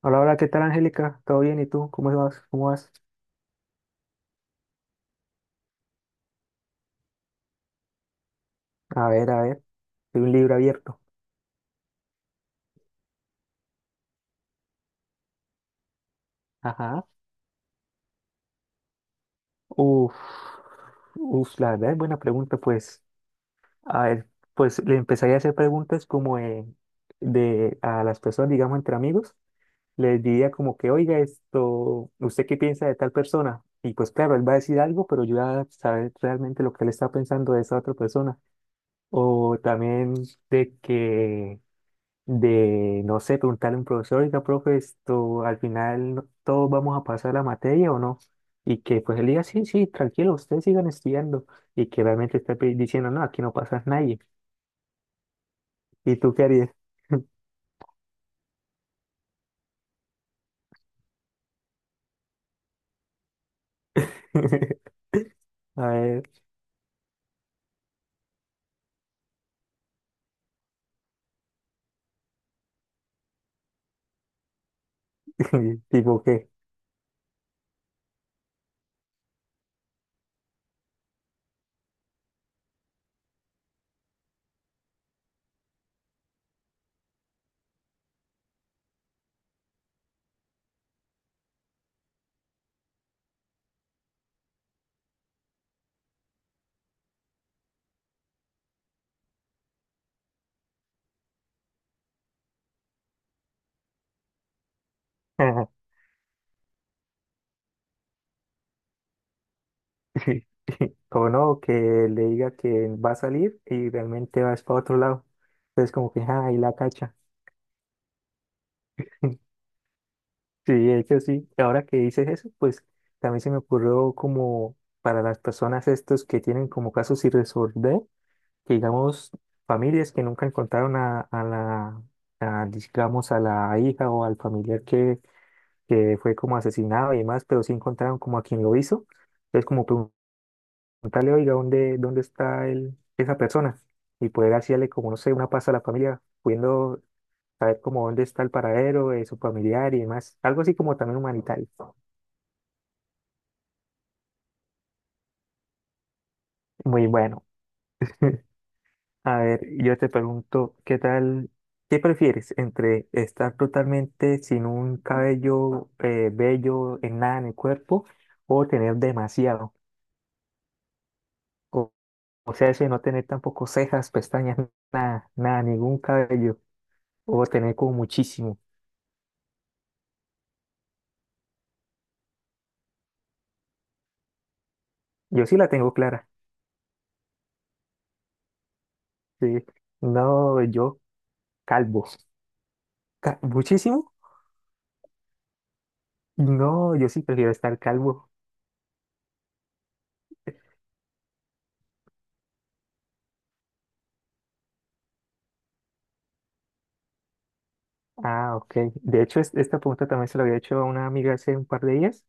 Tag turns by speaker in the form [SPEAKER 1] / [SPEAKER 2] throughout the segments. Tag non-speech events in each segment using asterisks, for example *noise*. [SPEAKER 1] Hola, hola, ¿qué tal, Angélica? ¿Todo bien? ¿Y tú? ¿Cómo vas? ¿Cómo vas? A ver, hay un libro abierto. Ajá. Uf, uf, la verdad es buena pregunta, pues. A ver, pues le empezaría a hacer preguntas como de a las personas, digamos, entre amigos. Les diría como que, oiga, esto, ¿usted qué piensa de tal persona? Y pues claro, él va a decir algo, pero yo voy a saber realmente lo que él está pensando de esa otra persona. O también de que de, no sé, preguntarle a un profesor, oiga, profe, esto, al final todos vamos a pasar la materia o no. Y que pues él diga, sí, sí, tranquilo, ustedes sigan estudiando. Y que realmente esté diciendo, no, aquí no pasas nadie. ¿Y tú qué harías? *laughs* A ver, *laughs* tipo qué. Ajá, sí. *laughs* O no, que le diga que va a salir y realmente vas para otro lado. Entonces como que, ah, ahí la cacha. *laughs* Sí, de hecho sí. Ahora que dices eso, pues también se me ocurrió como para las personas estos que tienen como casos sin resolver, que digamos familias que nunca encontraron a la, digamos, a la hija o al familiar que fue como asesinado y demás, pero sí encontraron como a quien lo hizo. Entonces como preguntarle, oiga, ¿dónde está esa persona? Y poder hacerle como, no sé, una paz a la familia, pudiendo saber como dónde está el paradero de su familiar y demás. Algo así como también humanitario. Muy bueno. A ver, yo te pregunto, ¿qué tal? ¿Qué prefieres entre estar totalmente sin un cabello bello en nada en el cuerpo o tener demasiado? O, o sea, ese no tener tampoco cejas, pestañas, nada, nada, ningún cabello o tener como muchísimo. Yo sí la tengo clara. Sí. No, yo calvo. ¿Muchísimo? No, yo sí prefiero estar calvo. Ah, ok. De hecho, esta pregunta también se la había hecho a una amiga hace un par de días.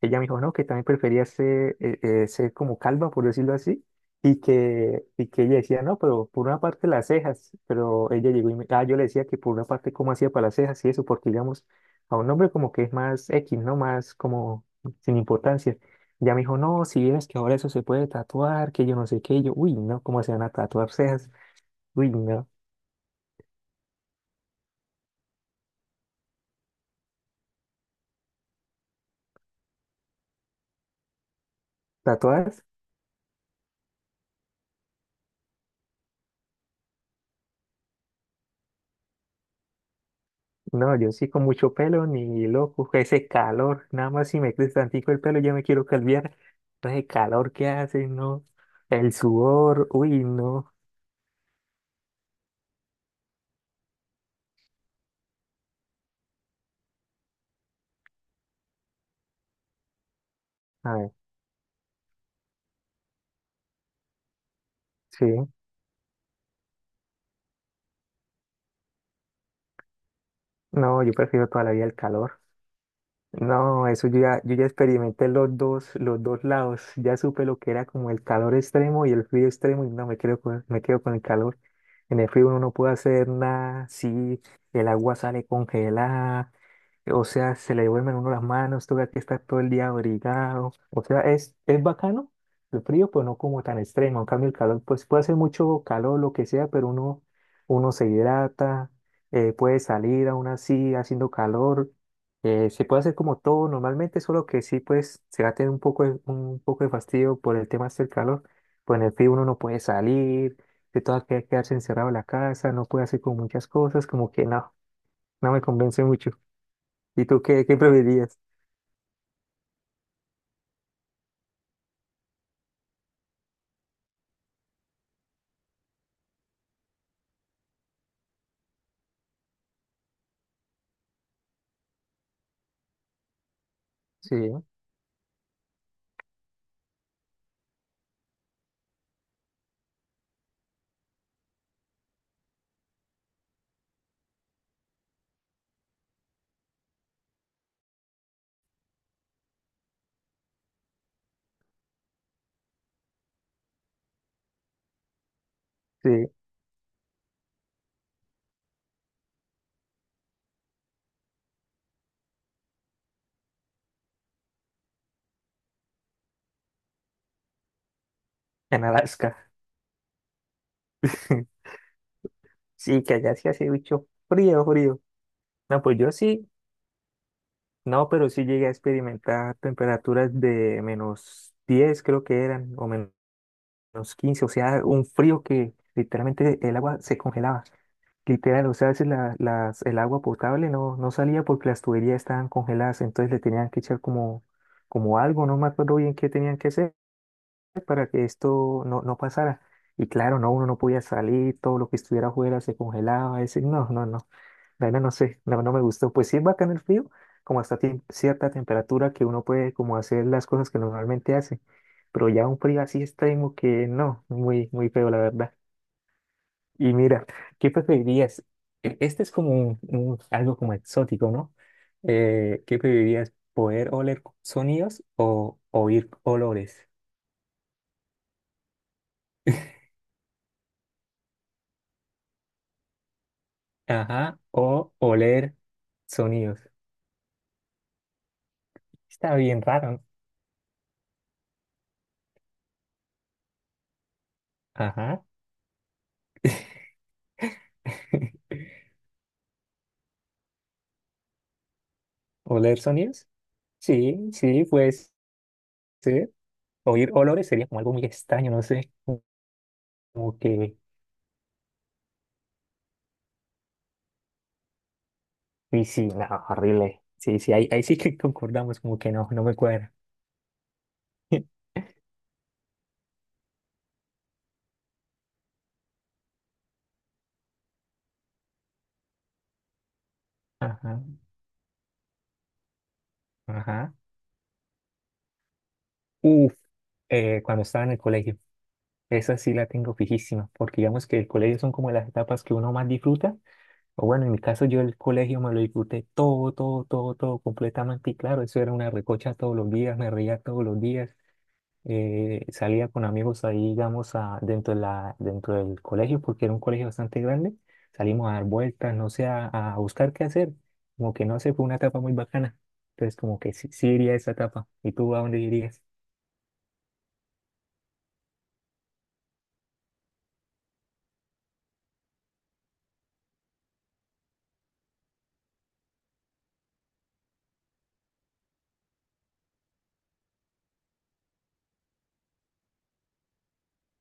[SPEAKER 1] Ella me dijo, no, que también prefería ser como calva, por decirlo así, y que ella decía, no, pero por una parte las cejas, pero ella llegó y yo le decía que por una parte cómo hacía para las cejas y eso, porque digamos, a un hombre como que es más X, ¿no? Más como sin importancia. Ya me dijo, no, si vieras que ahora eso se puede tatuar, que yo no sé qué, y yo, uy, no, ¿cómo se van a tatuar cejas? Uy, no, ¿tatuadas? No, yo sí con mucho pelo, ni loco, *laughs* ese calor, nada más si me crece tantico el pelo ya me quiero calviar. No, ese calor que hace, no, el sudor, uy, no, a ver, sí, no, yo prefiero toda la vida el calor, no, eso yo ya experimenté los dos, lados, ya supe lo que era como el calor extremo y el frío extremo y no, me quedo con el calor, en el frío uno no puede hacer nada, sí, el agua sale congelada, o sea, se le duermen uno las manos, toca que estar todo el día abrigado. O sea, es bacano el frío, pero no como tan extremo. En cambio, el calor, pues puede hacer mucho calor, lo que sea, pero uno se hidrata, puede salir aún así haciendo calor. Se puede hacer como todo normalmente, solo que sí, pues se va a tener un poco de fastidio por el tema del calor. Pues en el frío uno no puede salir, se toca que quedarse encerrado en la casa, no puede hacer como muchas cosas, como que no me convence mucho. ¿Y tú qué preferirías? Sí, sí, en Alaska. *laughs* Sí, que allá sí hace mucho frío, frío. No, pues yo sí, no, pero sí llegué a experimentar temperaturas de -10 creo que eran, o -15 o sea, un frío que literalmente el agua se congelaba. Literal, o sea, a veces el agua potable no salía porque las tuberías estaban congeladas, entonces le tenían que echar como algo, no me acuerdo bien qué tenían que hacer para que esto no pasara. Y claro, no, uno no podía salir, todo lo que estuviera afuera se congelaba, ese, no, no, no, la verdad no sé, no me gustó. Pues sí es bacán el frío, como hasta cierta temperatura que uno puede como hacer las cosas que normalmente hace, pero ya un frío así extremo que no, muy, muy feo la verdad. Y mira, ¿qué preferirías? Este es como algo como exótico, ¿no? ¿Qué preferirías? ¿Poder oler sonidos o oír olores? *laughs* Ajá. O oler sonidos. Está bien raro. Ajá. *laughs* ¿Oler sonidos? Sí, sí, pues sí. Oír olores sería como algo muy extraño, no sé. Como que... Y sí, no, horrible. Sí, sí, ahí sí que *laughs* concordamos, como que no me cuadra. *laughs* Ajá, ajá. Uf, cuando estaba en el colegio, esa sí la tengo fijísima, porque digamos que el colegio son como las etapas que uno más disfruta. O bueno, en mi caso yo el colegio me lo disfruté todo, todo, todo, todo completamente. Y claro, eso era una recocha todos los días, me reía todos los días. Salía con amigos ahí, digamos, a, dentro de la, dentro del colegio, porque era un colegio bastante grande. Salimos a dar vueltas, no sé, a buscar qué hacer. Como que no sé, fue una etapa muy bacana. Entonces, como que sí, sí iría a esa etapa. ¿Y tú a dónde irías?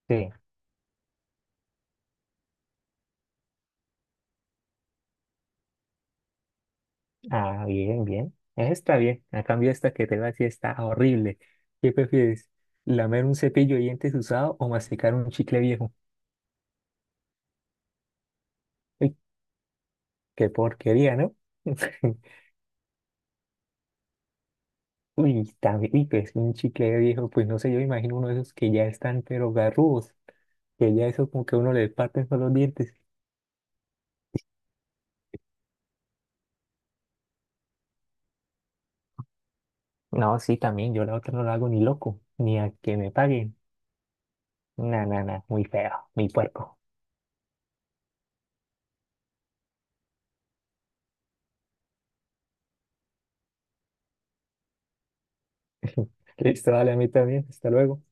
[SPEAKER 1] Sí. Ah, bien, bien. Está bien. A cambio, esta que te va a decir está horrible. ¿Qué prefieres? ¿Lamer un cepillo de dientes usado o masticar un chicle viejo? Uy, qué porquería, ¿no? *laughs* Uy, también, uy, pues un chicle viejo, pues no sé, yo imagino uno de esos que ya están pero garrudos, que ya eso como que uno le parten con los dientes. No, sí, también, yo la otra no la hago ni loco, ni a que me paguen. Na, na, na, muy feo, muy puerco. *laughs* Listo, dale a mí también, hasta luego.